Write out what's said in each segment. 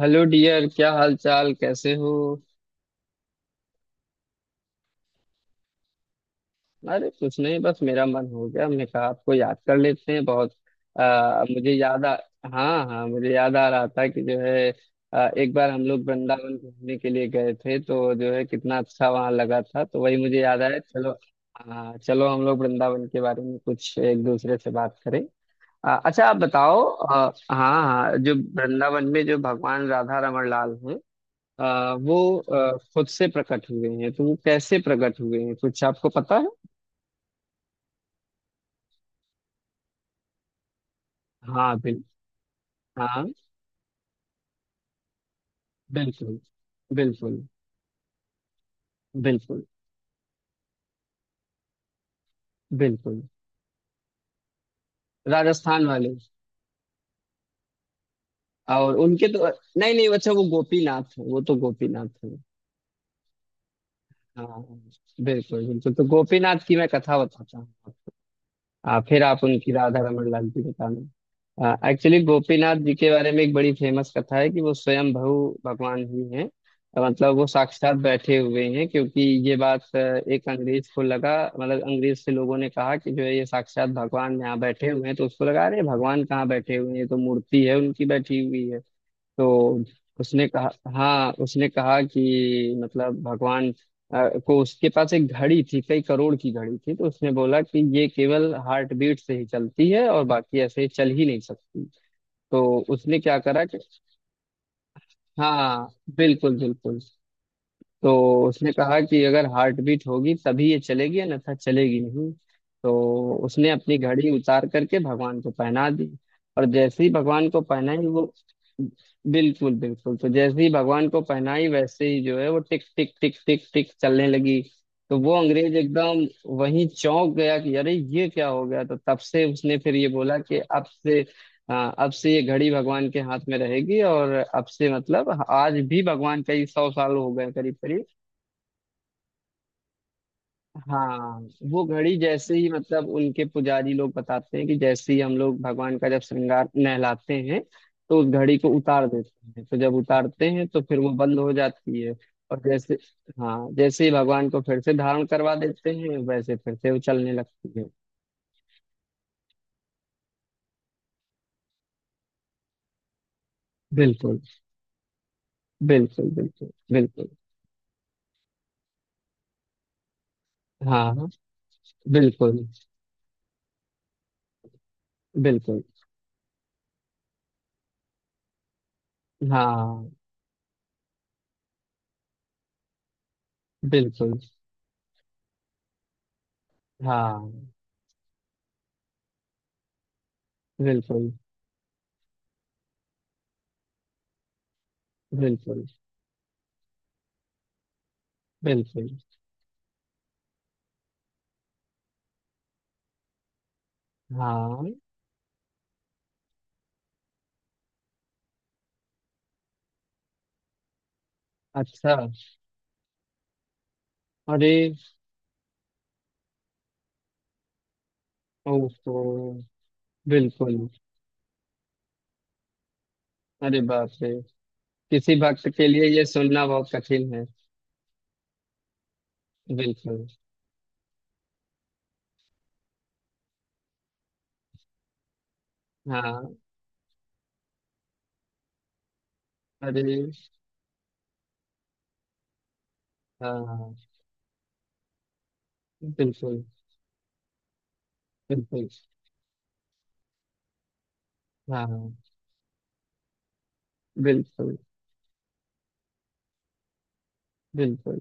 Hello dear, क्या हाल चाल, कैसे हो? अरे कुछ नहीं, बस मेरा मन हो गया, मैं कहा आपको याद कर लेते हैं बहुत। मुझे याद आ। हाँ हाँ, मुझे याद आ रहा था कि जो है। एक बार हम लोग वृंदावन घूमने के लिए गए थे, तो जो है कितना अच्छा वहाँ लगा था, तो वही मुझे याद आया। चलो। हाँ चलो, हम लोग वृंदावन के बारे में कुछ एक दूसरे से बात करें। अच्छा, आप बताओ। हाँ हाँ जो। वृंदावन में जो भगवान राधा रमण लाल हैं। वो खुद से प्रकट हुए हैं, तो वो कैसे प्रकट हुए हैं, कुछ आपको पता है? हाँ बिल। हाँ। बिल्कुल। बिल्कुल। बिल्कुल। बिल्कुल। राजस्थान वाले। और उनके तो। नहीं नहीं, अच्छा वो गोपीनाथ है, वो तो गोपीनाथ है। हाँ। बिल्कुल बिल्कुल, तो गोपीनाथ की मैं कथा बताता हूँ। फिर आप उनकी राधा रमन लाल की बताना। एक्चुअली गोपीनाथ जी के बारे में एक बड़ी फेमस कथा है कि वो स्वयं भू भगवान ही हैं। मतलब वो साक्षात बैठे हुए हैं, क्योंकि ये बात एक अंग्रेज को लगा। मतलब अंग्रेज से लोगों ने कहा कि जो है ये साक्षात भगवान यहाँ बैठे हुए हैं, तो उसको लगा अरे भगवान कहाँ बैठे हुए हैं, ये तो मूर्ति है उनकी बैठी हुई है। तो उसने कहा। हाँ, उसने कहा कि मतलब भगवान को उसके पास एक घड़ी थी, कई करोड़ की घड़ी थी। तो उसने बोला कि ये केवल हार्ट बीट से ही चलती है, और बाकी ऐसे चल ही नहीं सकती। तो उसने क्या करा कि। हाँ बिल्कुल बिल्कुल। तो उसने कहा कि अगर हार्ट बीट होगी तभी ये चलेगी, अन्यथा चलेगी नहीं। तो उसने अपनी घड़ी उतार करके भगवान को पहना दी। और जैसे ही भगवान को पहनाई वो। बिल्कुल बिल्कुल, तो जैसे ही भगवान को पहनाई वैसे ही जो है वो टिक टिक टिक टिक टिक चलने लगी। तो वो अंग्रेज एकदम वहीं चौंक गया कि अरे ये क्या हो गया। तो तब से उसने फिर ये बोला कि अब से। हाँ, अब से ये घड़ी भगवान के हाथ में रहेगी, और अब से मतलब आज भी भगवान, कई सौ साल हो गए करीब करीब। हाँ, वो घड़ी जैसे ही मतलब, उनके पुजारी लोग बताते हैं कि जैसे ही हम लोग भगवान का जब श्रृंगार नहलाते हैं, तो उस घड़ी को उतार देते हैं। तो जब उतारते हैं तो फिर वो बंद हो जाती है। और जैसे। हाँ, जैसे ही भगवान को फिर से धारण करवा देते हैं, वैसे फिर से वो चलने लगती है। बिल्कुल बिल्कुल। बिल्कुल बिल्कुल। हाँ। बिल्कुल बिल्कुल। हाँ। बिल्कुल। हाँ। बिल्कुल बिल्कुल बिल्कुल। हाँ। अच्छा। अरे। ओहो। बिल्कुल। अरे बाप रे। किसी भक्त के लिए ये सुनना बहुत कठिन है। बिल्कुल। हाँ। अरे। हाँ। बिल्कुल। बिल्कुल। हाँ। बिल्कुल। बिल्कुल।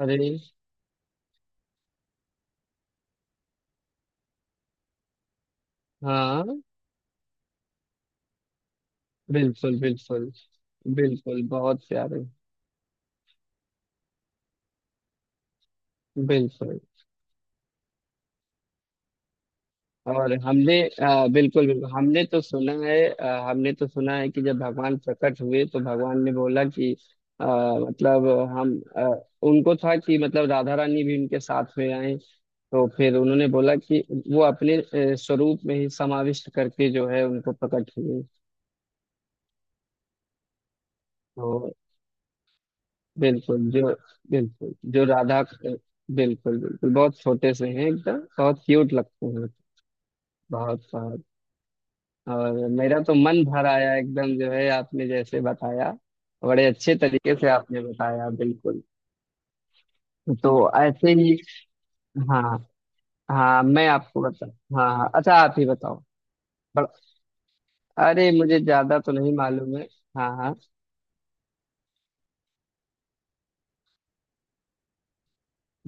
अरे। हाँ। बिल्कुल। बिल्कुल। बिल्कुल बहुत प्यारे। बिल्कुल। और हमने बिल्कुल बिल्कुल, हमने तो सुना है। हमने तो सुना है कि जब भगवान प्रकट हुए तो भगवान ने बोला कि। मतलब हम उनको था कि मतलब राधा रानी भी उनके साथ में आए। तो फिर उन्होंने बोला कि वो अपने स्वरूप में ही समाविष्ट करके जो है उनको प्रकट हुए। तो। बिल्कुल जो। बिल्कुल जो राधा। बिल्कुल बिल्कुल, बहुत छोटे से हैं एकदम। बहुत क्यूट लगते हैं। बहुत। और मेरा तो मन भर आया एकदम जो है, आपने जैसे बताया, बड़े अच्छे तरीके से आपने बताया। बिल्कुल। तो ऐसे ही। हाँ। हाँ, मैं आपको बता। हाँ हाँ, अच्छा आप ही बताओ। बड़ा-। अरे, मुझे ज्यादा तो नहीं मालूम है। हाँ हाँ।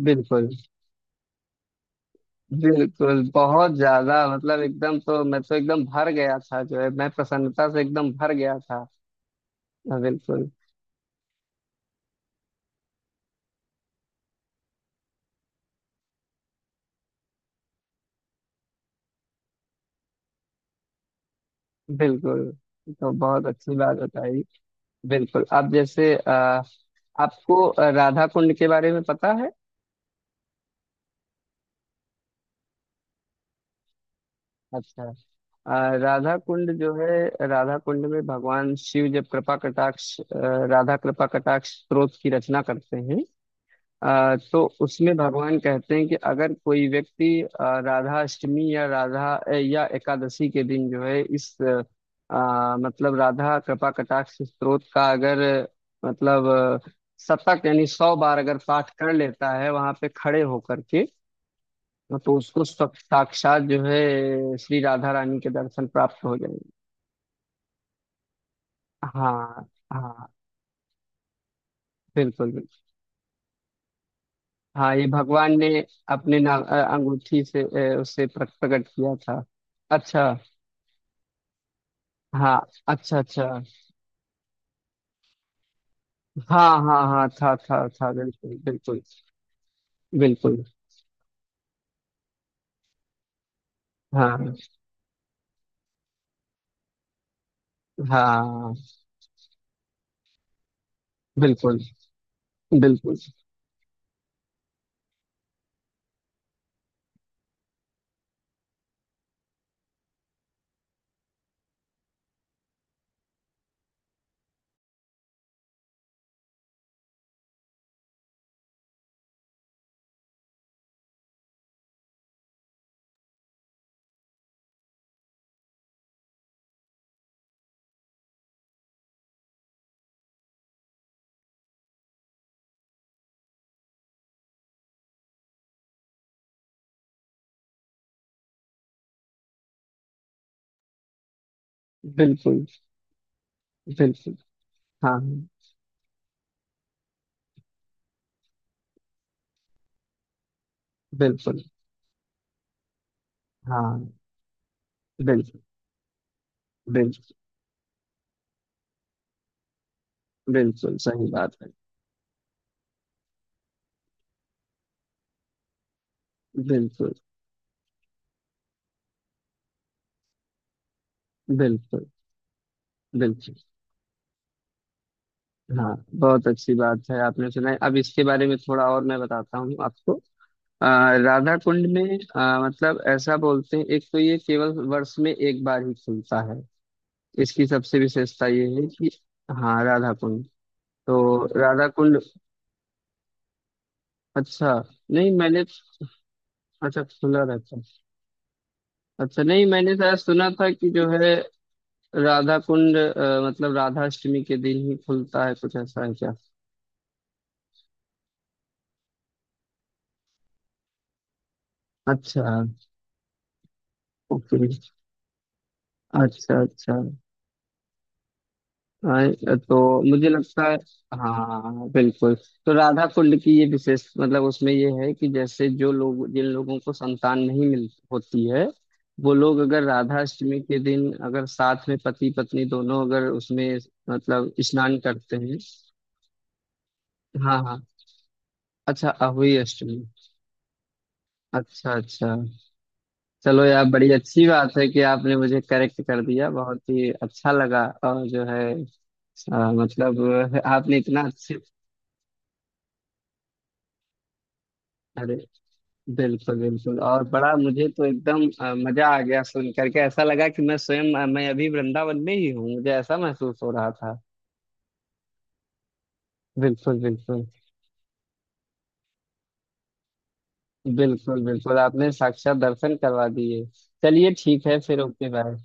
बिल्कुल बिल्कुल, बहुत ज्यादा मतलब एकदम। तो मैं तो एकदम भर गया था जो है, मैं प्रसन्नता से एकदम भर गया था। हाँ, बिल्कुल। बिल्कुल। तो बहुत अच्छी बात बताई। बिल्कुल, अब जैसे आपको राधा कुंड के बारे में पता है? अच्छा। अ, राधा कुंड जो है, राधा कुंड में भगवान शिव जब कृपा कटाक्ष राधा कृपा कटाक्ष स्तोत्र की रचना करते हैं। तो उसमें भगवान कहते हैं कि अगर कोई व्यक्ति राधा अष्टमी या राधा या एकादशी के दिन जो है इस मतलब राधा कृपा कटाक्ष स्तोत्र का अगर मतलब अ, शतक यानी 100 बार अगर पाठ कर लेता है वहां पे खड़े होकर के। हाँ, तो उसको साक्षात जो है श्री राधा रानी के दर्शन प्राप्त हो जाएंगे। हाँ हाँ। बिल्कुल बिल्कुल। हाँ, ये भगवान ने अपने ना अंगूठी से उसे प्रकट किया था। अच्छा। हाँ। अच्छा अच्छा। हाँ हाँ हाँ, था, बिल्कुल बिल्कुल। बिल्कुल। हाँ हाँ। बिल्कुल बिल्कुल। बिल्कुल बिल्कुल। हाँ। बिल्कुल। हाँ। बिल्कुल बिल्कुल बिल्कुल सही बात है। बिल्कुल बिल्कुल बिल्कुल। हाँ, बहुत अच्छी बात है। आपने सुना है, अब इसके बारे में थोड़ा और मैं बताता हूँ आपको। राधा कुंड में मतलब ऐसा बोलते हैं, एक तो ये केवल वर्ष में एक बार ही खुलता है। इसकी सबसे विशेषता ये है कि। हाँ राधा कुंड। तो राधा कुंड। अच्छा। नहीं मैंने। अच्छा, खुला रहता है। अच्छा, नहीं मैंने शायद सुना था कि जो है राधा कुंड मतलब राधाष्टमी के दिन ही खुलता है, कुछ ऐसा है क्या? अच्छा। ओके। अच्छा अच्छा। हाँ, तो मुझे लगता है। हाँ बिल्कुल। तो राधा कुंड की ये विशेष मतलब उसमें ये है कि जैसे जो लोग, जिन लोगों को संतान नहीं मिल होती है, वो लोग अगर राधा अष्टमी के दिन अगर साथ में पति पत्नी दोनों अगर उसमें मतलब स्नान करते हैं। हाँ हाँ। अच्छा, अहुई अष्टमी। अच्छा अच्छा। चलो यार, बड़ी अच्छी बात है कि आपने मुझे करेक्ट कर दिया, बहुत ही अच्छा लगा। और जो है मतलब आपने इतना अच्छे। अरे बिल्कुल बिल्कुल। और बड़ा मुझे तो एकदम मजा आ गया, सुन करके ऐसा लगा कि मैं स्वयं मैं अभी वृंदावन में ही हूँ, मुझे ऐसा महसूस हो रहा था। बिल्कुल बिल्कुल। बिल्कुल बिल्कुल, आपने साक्षात दर्शन करवा दिए। चलिए ठीक है फिर। Okay bye.